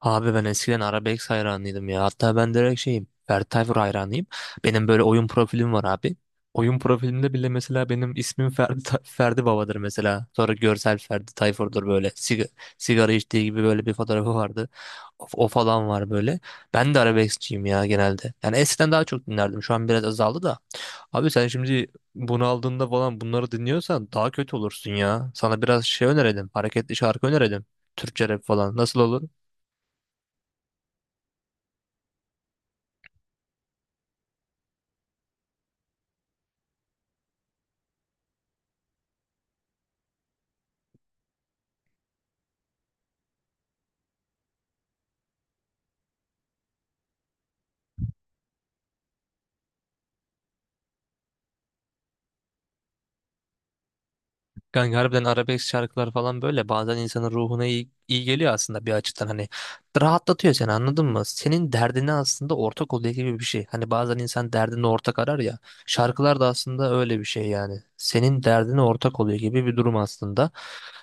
Abi ben eskiden arabesk hayranıydım ya. Hatta ben direkt şeyim. Ferdi Tayfur hayranıyım. Benim böyle oyun profilim var abi. Oyun profilimde bile mesela benim ismim Ferdi Baba'dır mesela. Sonra görsel Ferdi Tayfur'dur böyle. Sigara içtiği gibi böyle bir fotoğrafı vardı. O falan var böyle. Ben de arabeskçiyim ya genelde. Yani eskiden daha çok dinlerdim. Şu an biraz azaldı da. Abi sen şimdi bunu aldığında falan bunları dinliyorsan daha kötü olursun ya. Sana biraz şey önerelim. Hareketli şarkı önerelim. Türkçe rap falan. Nasıl olur? Kanka harbiden arabesk şarkılar falan böyle bazen insanın ruhuna iyi, iyi geliyor aslında bir açıdan hani rahatlatıyor seni, anladın mı? Senin derdine aslında ortak oluyor gibi bir şey. Hani bazen insan derdine ortak arar ya, şarkılar da aslında öyle bir şey yani. Senin derdine ortak oluyor gibi bir durum aslında.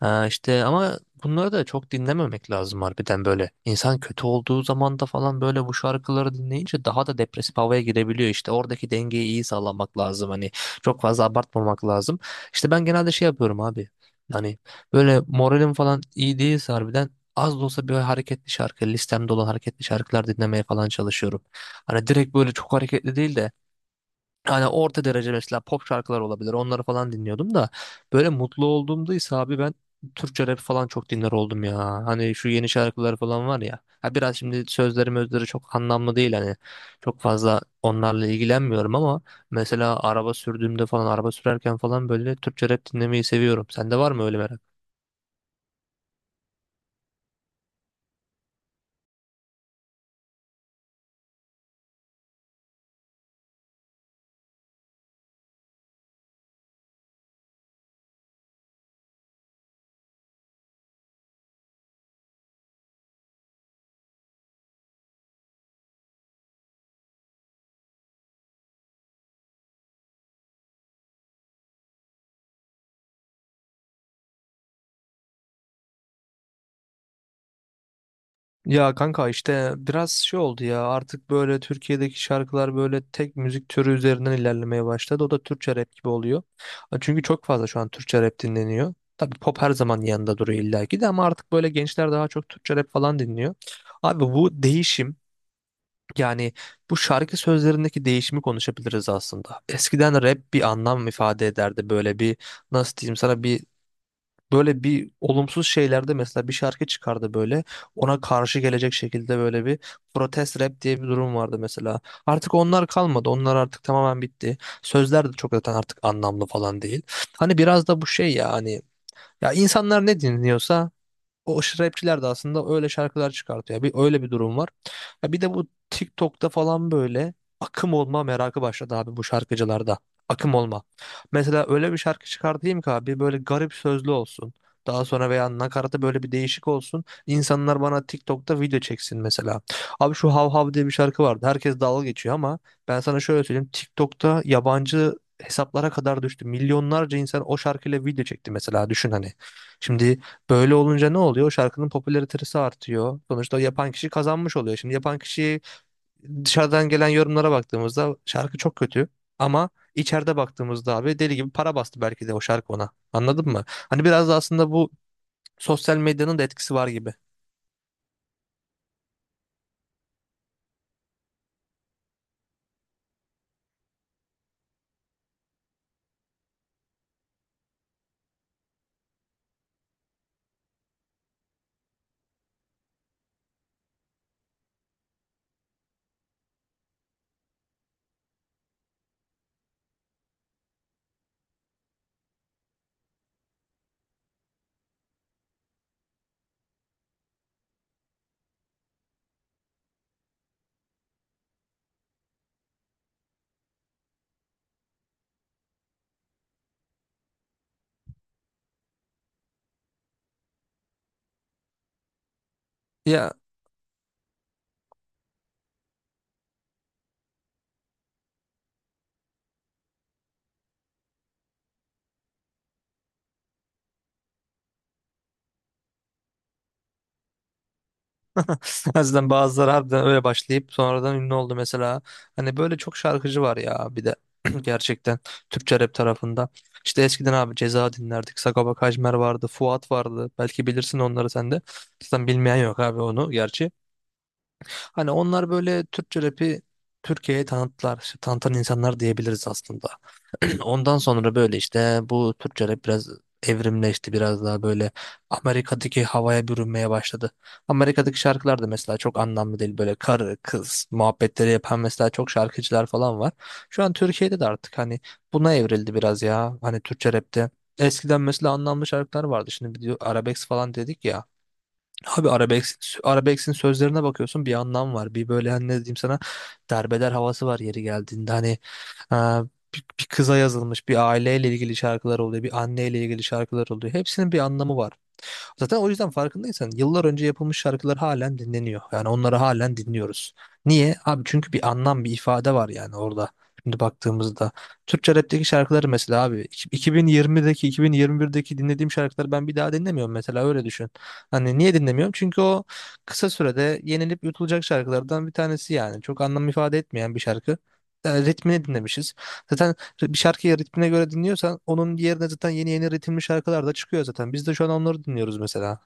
Ha işte ama bunları da çok dinlememek lazım harbiden böyle. İnsan kötü olduğu zaman da falan böyle bu şarkıları dinleyince daha da depresif havaya girebiliyor işte. Oradaki dengeyi iyi sağlamak lazım hani. Çok fazla abartmamak lazım. İşte ben genelde şey yapıyorum abi. Hani böyle moralim falan iyi değilse harbiden az da olsa böyle hareketli şarkı, listemde olan hareketli şarkılar dinlemeye falan çalışıyorum. Hani direkt böyle çok hareketli değil de hani orta derece mesela pop şarkılar olabilir. Onları falan dinliyordum da böyle mutlu olduğumda ise abi ben Türkçe rap falan çok dinler oldum ya. Hani şu yeni şarkılar falan var ya. Ha biraz şimdi sözleri mözleri çok anlamlı değil hani. Çok fazla onlarla ilgilenmiyorum ama mesela araba sürdüğümde falan, araba sürerken falan böyle Türkçe rap dinlemeyi seviyorum. Sende var mı öyle merak? Ya kanka işte biraz şey oldu ya, artık böyle Türkiye'deki şarkılar böyle tek müzik türü üzerinden ilerlemeye başladı. O da Türkçe rap gibi oluyor. Çünkü çok fazla şu an Türkçe rap dinleniyor. Tabii pop her zaman yanında duruyor illaki de, ama artık böyle gençler daha çok Türkçe rap falan dinliyor. Abi bu değişim, yani bu şarkı sözlerindeki değişimi konuşabiliriz aslında. Eskiden rap bir anlam ifade ederdi, böyle bir, nasıl diyeyim sana, bir böyle bir olumsuz şeylerde mesela bir şarkı çıkardı böyle, ona karşı gelecek şekilde böyle bir protest rap diye bir durum vardı mesela. Artık onlar kalmadı. Onlar artık tamamen bitti. Sözler de çok zaten artık anlamlı falan değil. Hani biraz da bu şey ya, hani ya insanlar ne dinliyorsa o aşırı rapçiler de aslında öyle şarkılar çıkartıyor. Bir öyle bir durum var. Ya bir de bu TikTok'ta falan böyle akım olma merakı başladı abi bu şarkıcılarda. Akım olma. Mesela öyle bir şarkı çıkartayım ki abi böyle garip sözlü olsun. Daha sonra veya nakaratı böyle bir değişik olsun. İnsanlar bana TikTok'ta video çeksin mesela. Abi şu Hav Hav diye bir şarkı vardı. Herkes dalga geçiyor ama ben sana şöyle söyleyeyim. TikTok'ta yabancı hesaplara kadar düştü. Milyonlarca insan o şarkıyla video çekti mesela, düşün hani. Şimdi böyle olunca ne oluyor? O şarkının popülaritesi artıyor. Sonuçta yapan kişi kazanmış oluyor. Şimdi yapan kişi, dışarıdan gelen yorumlara baktığımızda şarkı çok kötü. Ama içeride baktığımızda abi deli gibi para bastı belki de o şarkı ona. Anladın mı? Hani biraz da aslında bu sosyal medyanın da etkisi var gibi. Ya o yüzden bazıları harbiden öyle başlayıp sonradan ünlü oldu mesela. Hani böyle çok şarkıcı var ya bir de gerçekten Türkçe rap tarafında. İşte eskiden abi Ceza dinlerdik. Sagopa Kajmer vardı. Fuat vardı. Belki bilirsin onları sen de. Zaten bilmeyen yok abi onu gerçi. Hani onlar böyle Türkçe rapi Türkiye'ye tanıttılar. İşte tanıtan insanlar diyebiliriz aslında. Ondan sonra böyle işte bu Türkçe rap biraz evrimleşti. Biraz daha böyle Amerika'daki havaya bürünmeye başladı. Amerika'daki şarkılar da mesela çok anlamlı değil. Böyle karı kız muhabbetleri yapan mesela çok şarkıcılar falan var. Şu an Türkiye'de de artık hani buna evrildi biraz ya. Hani Türkçe rapte. Eskiden mesela anlamlı şarkılar vardı. Şimdi bir de arabesk falan dedik ya. Abi Arabesk'in sözlerine bakıyorsun, bir anlam var. Bir böyle hani, ne diyeyim sana, derbeder havası var yeri geldiğinde. Hani e, bir kıza yazılmış, bir aileyle ilgili şarkılar oluyor. Bir anneyle ilgili şarkılar oluyor. Hepsinin bir anlamı var. Zaten o yüzden farkındaysan yıllar önce yapılmış şarkılar halen dinleniyor. Yani onları halen dinliyoruz. Niye? Abi çünkü bir anlam, bir ifade var yani orada. Şimdi baktığımızda Türkçe rapteki şarkıları mesela abi 2020'deki 2021'deki dinlediğim şarkıları ben bir daha dinlemiyorum mesela, öyle düşün. Hani niye dinlemiyorum? Çünkü o kısa sürede yenilip yutulacak şarkılardan bir tanesi yani. Çok anlam ifade etmeyen bir şarkı. Ritmini dinlemişiz. Zaten bir şarkıyı ritmine göre dinliyorsan onun yerine zaten yeni yeni ritimli şarkılar da çıkıyor zaten. Biz de şu an onları dinliyoruz mesela.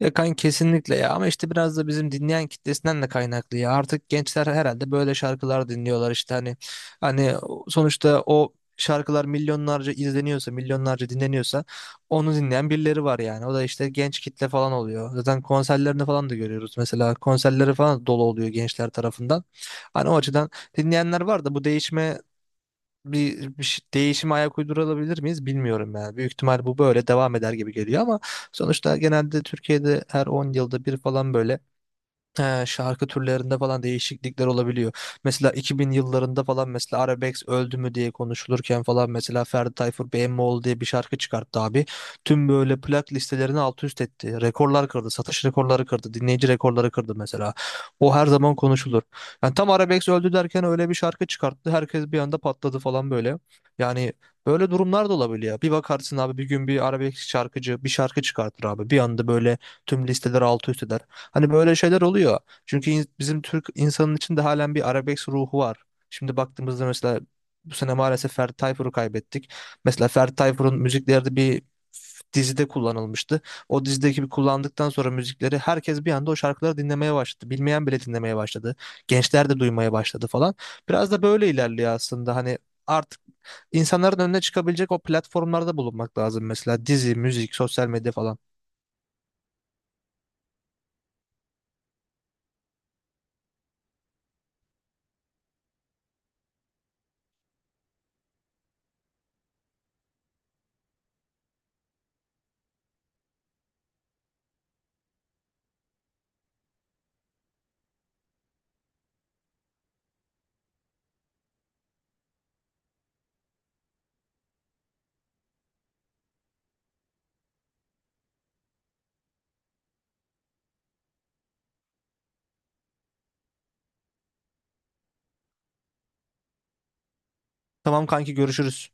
Ya kanka kesinlikle ya, ama işte biraz da bizim dinleyen kitlesinden de kaynaklı ya. Artık gençler herhalde böyle şarkılar dinliyorlar işte, hani, hani sonuçta o şarkılar milyonlarca izleniyorsa, milyonlarca dinleniyorsa onu dinleyen birileri var yani. O da işte genç kitle falan oluyor. Zaten konserlerini falan da görüyoruz mesela. Konserleri falan dolu oluyor gençler tarafından. Hani o açıdan dinleyenler var da, bu değişme, değişime ayak uydurabilir miyiz bilmiyorum yani. Büyük ihtimal bu böyle devam eder gibi geliyor ama sonuçta genelde Türkiye'de her 10 yılda bir falan böyle he, şarkı türlerinde falan değişiklikler olabiliyor. Mesela 2000 yıllarında falan, mesela Arabex öldü mü diye konuşulurken falan, mesela Ferdi Tayfur BMO diye bir şarkı çıkarttı abi. Tüm böyle plak listelerini alt üst etti. Rekorlar kırdı. Satış rekorları kırdı. Dinleyici rekorları kırdı mesela. O her zaman konuşulur. Yani tam Arabex öldü derken öyle bir şarkı çıkarttı. Herkes bir anda patladı falan böyle. Yani böyle durumlar da olabiliyor. Bir bakarsın abi bir gün bir Arabex şarkıcı bir şarkı çıkartır abi. Bir anda böyle tüm listeler altı üst eder. Hani böyle şeyler oluyor. Çünkü bizim Türk insanın içinde halen bir arabesk ruhu var. Şimdi baktığımızda mesela bu sene maalesef Ferdi Tayfur'u kaybettik. Mesela Ferdi Tayfur'un müzikleri de bir dizide kullanılmıştı. O dizideki bir kullandıktan sonra müzikleri herkes bir anda o şarkıları dinlemeye başladı. Bilmeyen bile dinlemeye başladı. Gençler de duymaya başladı falan. Biraz da böyle ilerliyor aslında. Hani artık insanların önüne çıkabilecek o platformlarda bulunmak lazım, mesela dizi, müzik, sosyal medya falan. Tamam kanki, görüşürüz.